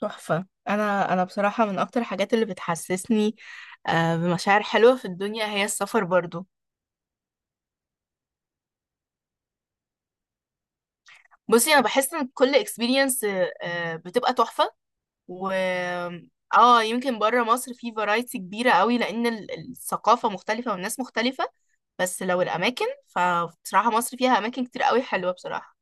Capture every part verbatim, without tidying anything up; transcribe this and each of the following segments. تحفة. أنا أنا بصراحة من أكتر الحاجات اللي بتحسسني آه، بمشاعر حلوة في الدنيا هي السفر برضو. بصي أنا بحس إن كل experience آه، بتبقى تحفة. و اه يمكن بره مصر في فرايتي كبيرة قوي لأن ال- الثقافة مختلفة والناس مختلفة. بس لو الأماكن فبصراحة مصر فيها أماكن كتير قوي حلوة بصراحة.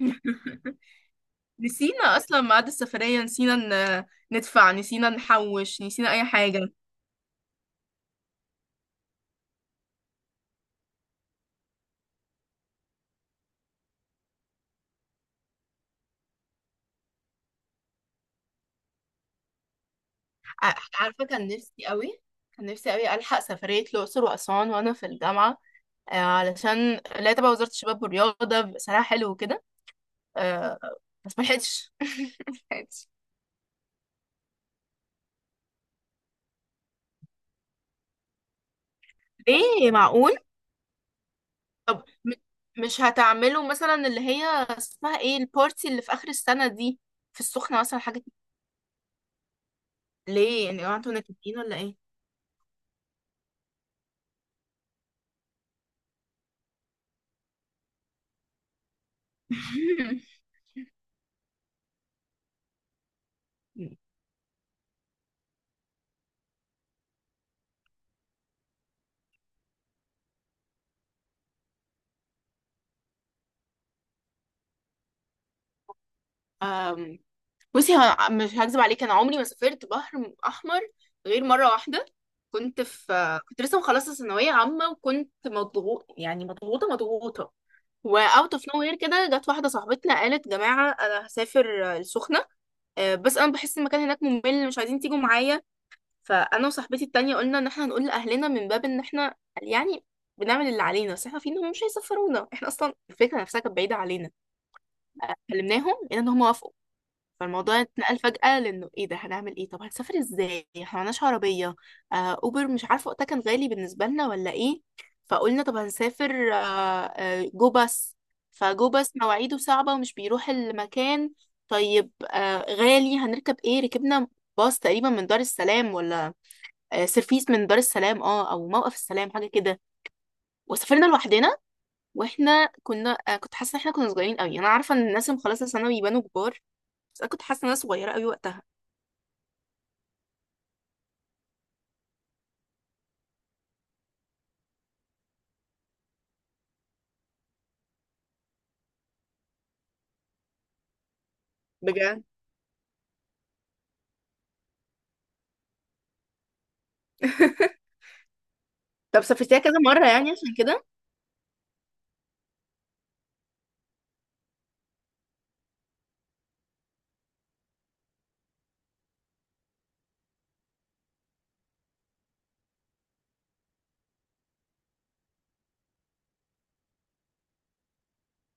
نسينا أصلا ميعاد السفرية، نسينا ن- ندفع، نسينا نحوش، نسينا أي حاجة. ع- عارفة، كان نفسي قوي، كان نفسي قوي ألحق سفرية الأقصر وأسوان وأنا في الجامعة، آه، علشان لا تبع وزارة الشباب والرياضة بيبقى سعرها حلو وكده. آه، بس ملحقتش. ملحقتش. ليه؟ معقول؟ طب م- مش هتعملوا مثلا اللي هي اسمها ايه البارتي اللي في آخر السنة دي، في السخنة مثلا حاجة كده؟ ليه يعني، هو انتوا نكدين ولا ايه؟ أم، بصي ه- مش هكذب عليك، انا عمري ما سافرت بحر م- احمر غير مره واحده. كنت في، كنت لسه مخلصه ثانويه عامه وكنت مضغوط يعني مضغوطه مضغوطه. واوت اوف نو وير كده جت واحده صاحبتنا قالت جماعه انا هسافر آه، السخنه، آه، بس انا بحس المكان هناك ممل، مش عايزين تيجوا معايا. فانا وصاحبتي التانية قلنا ان احنا هنقول لاهلنا من باب ان احنا يعني بنعمل اللي علينا، بس احنا عارفين انهم مش هيسفرونا، احنا اصلا الفكره نفسها كانت بعيده علينا. كلمناهم لقينا ان هم وافقوا. فالموضوع اتنقل فجأة لانه ايه ده، هنعمل ايه، طب هنسافر ازاي، احنا معناش عربية، آه اوبر مش عارفة وقتها كان غالي بالنسبة لنا ولا ايه. فقلنا طب هنسافر آه آه جو باص. فجو باص مواعيده صعبة ومش بيروح المكان. طيب آه غالي، هنركب ايه؟ ركبنا باص تقريبا من دار السلام، ولا آه، سيرفيس من دار السلام، اه او موقف السلام، حاجه كده. وسافرنا لوحدنا. واحنا كنا آه، كنت حاسه ان احنا كنا صغيرين قوي. انا عارفه ان الناس اللي مخلصه ثانوي يبانوا كبار، بس انا كنت حاسه ان انا صغيره قوي وقتها. بجد. طب سافرتيها كذا مره يعني عشان كده؟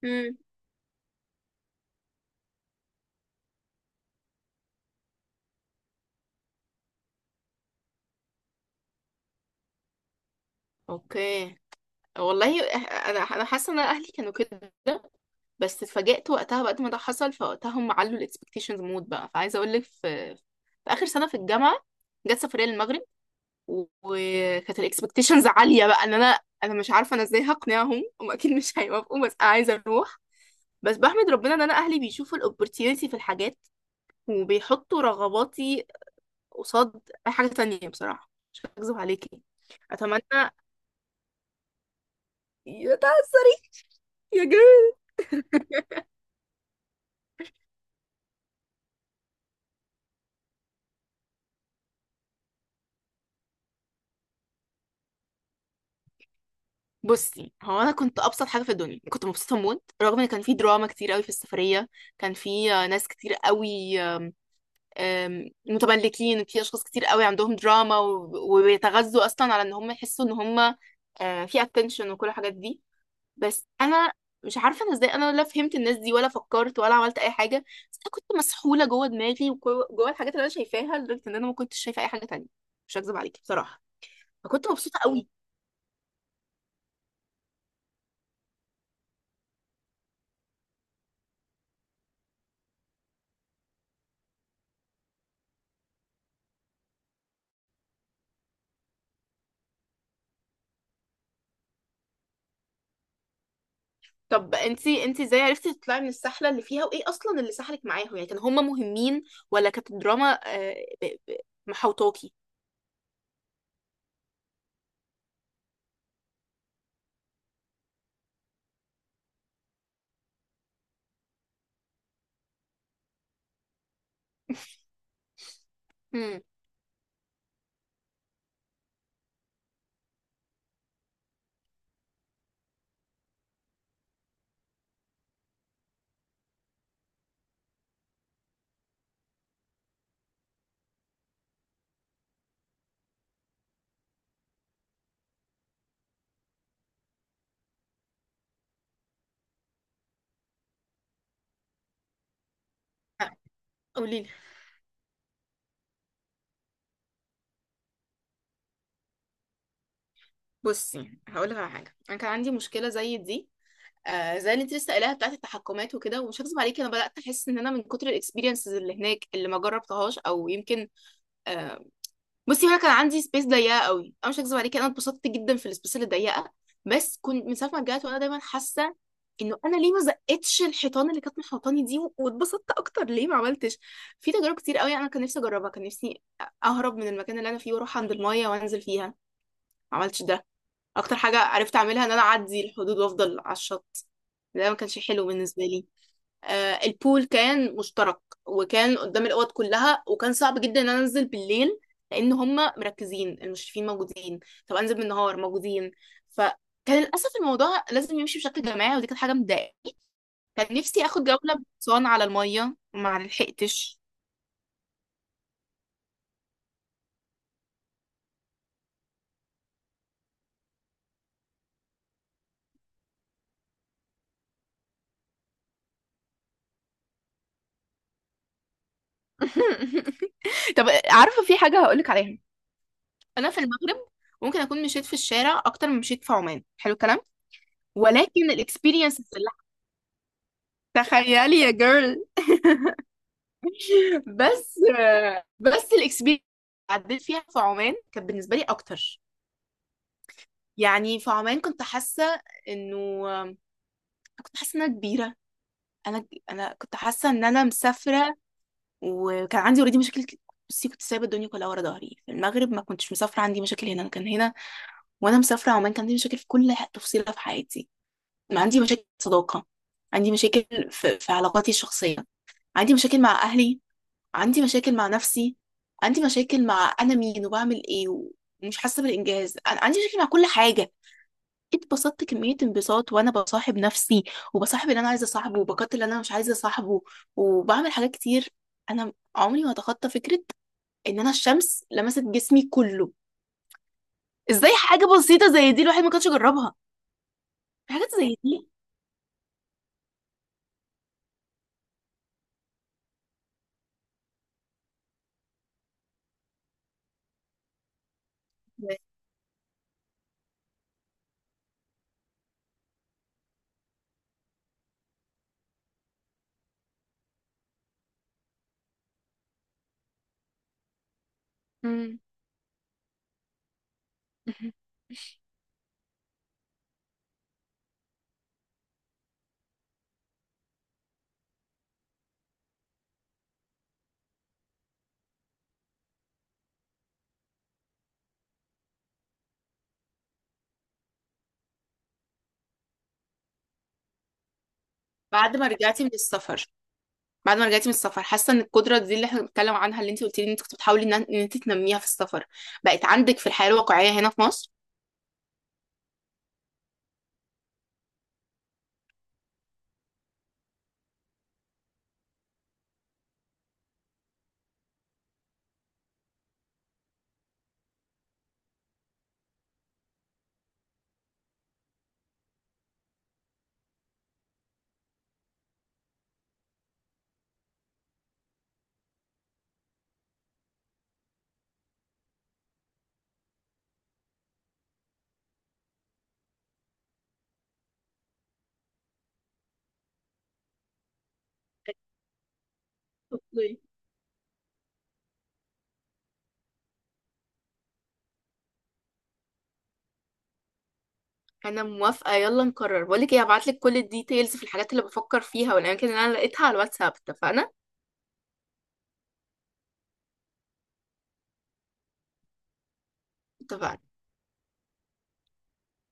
امم. اوكي. والله، إح- انا انا حاسه ان اهلي كانوا كده، بس اتفاجئت وقتها بعد ما ده حصل فوقتها هم علوا الاكسبكتيشنز مود بقى. فعايزه اقول لك، في في اخر سنه في الجامعه جت سفريه للمغرب، وكانت الاكسبكتيشنز عاليه بقى ان انا انا مش عارفه انا ازاي هقنعهم، هم اكيد مش هيوافقوا بس انا عايزه اروح. بس بحمد ربنا ان انا اهلي بيشوفوا الاوبورتيونيتي في الحاجات وبيحطوا رغباتي قصاد اي حاجه تانية، بصراحه مش هكذب عليكي. اتمنى يا تعسري يا جميل. بصي هو انا كنت ابسط حاجه في الدنيا، كنت مبسوطه موت رغم ان كان في دراما كتير قوي في السفريه. كان في ناس كتير قوي آم، متملكين، في اشخاص كتير قوي عندهم دراما و- وبيتغذوا اصلا على ان هم يحسوا ان هم آه، في اتنشن وكل الحاجات دي. بس انا مش عارفه انا ازاي، انا لا فهمت الناس دي ولا فكرت ولا عملت اي حاجه. بس انا كنت مسحوله جوه دماغي وجوه الحاجات اللي انا شايفاها لدرجه ان انا ما كنتش شايفه اي حاجه تانية، مش هكذب عليكي بصراحه. فكنت مبسوطه قوي. طب انتي انتي ازاي عرفتي تطلعي من السحله اللي فيها؟ وايه اصلا اللي سحلك معاهم، يعني كانوا هم مهمين ولا كانت الدراما آه، ب- ب- محوطاكي؟ امم. قولي. بصي هقول لك على حاجه، انا كان عندي مشكله زي دي، آه زي اللي انت لسه قايلاها بتاعت التحكمات وكده، ومش هكذب عليكي انا بدات احس ان انا من كتر الاكسبيرينسز اللي هناك اللي ما جربتهاش او يمكن. آه بصي هو انا كان عندي سبيس ضيقه قوي، انا مش هكذب عليكي انا اتبسطت جدا في السبيس اللي ضيقه. بس كنت من ساعه ما رجعت وانا دايما حاسه انه انا ليه ما زقتش الحيطان اللي كانت محوطاني دي و- واتبسطت اكتر؟ ليه ما عملتش في تجارب كتير قوي، انا كان نفسي اجربها. كان نفسي اهرب من المكان اللي انا فيه واروح عند المايه وانزل فيها. ما عملتش ده. اكتر حاجه عرفت اعملها ان انا اعدي الحدود وافضل على الشط، ده ما كانش حلو بالنسبه لي. آه البول كان مشترك وكان قدام الاوض كلها، وكان صعب جدا ان انا انزل بالليل لان هم مركزين، المشرفين موجودين. طب انزل بالنهار، موجودين. فكان للاسف الموضوع لازم يمشي بشكل جماعي، ودي كانت حاجه مضايقاني. كان نفسي اخد جوله بحصان على الميه، ما لحقتش. طب عارفة في حاجة هقولك عليها. انا في المغرب ممكن اكون مشيت في الشارع اكتر من مشيت في عمان، حلو الكلام. ولكن الاكسبيرينس اتسلحت. تخيلي يا جيرل. بس بس الاكسبيرينس عديت فيها في عمان كانت بالنسبه لي اكتر. يعني في عمان كنت حاسه انه، كنت حاسه ان انا كبيره. انا انا كنت حاسه ان انا مسافره، وكان عندي اوريدي مشاكل كت- بصي كنت سايبه الدنيا كلها ورا ظهري في المغرب، ما كنتش مسافره عندي مشاكل هنا. انا كان هنا، وانا مسافره عمان، كان عندي مشاكل في كل تفصيله في حياتي. ما عندي مشاكل في الصداقة، عندي مشاكل في, في علاقاتي الشخصية، عندي مشاكل مع أهلي، عندي مشاكل مع نفسي، عندي مشاكل مع أنا مين وبعمل إيه، ومش حاسة بالإنجاز، أنا عندي مشاكل مع كل حاجة. اتبسطت كمية انبساط وأنا بصاحب نفسي، وبصاحب اللي أنا عايزة أصاحبه وبقتل اللي أنا مش عايزة أصاحبه، وبعمل حاجات كتير. أنا عمري ما أتخطى فكرة إن أنا الشمس لمست جسمي كله. إزاي حاجة بسيطة زي دي الواحد ما كانش يجربها؟ في حاجات زي دي. مم. بعد ما رجعتي من السفر، بعد ما رجعتي من السفر، حاسه ان القدره دي اللي احنا بنتكلم عنها اللي انت قلت لي ان انت كنت بتحاولي ان إن انت تنميها في السفر، بقت عندك في الحياه الواقعيه هنا في مصر؟ اوكي. انا موافقه، يلا نقرر. بقول لك ايه، هبعت لك كل الديتيلز في الحاجات اللي بفكر فيها والاماكن اللي انا لقيتها على الواتساب، اتفقنا؟ اتفقنا.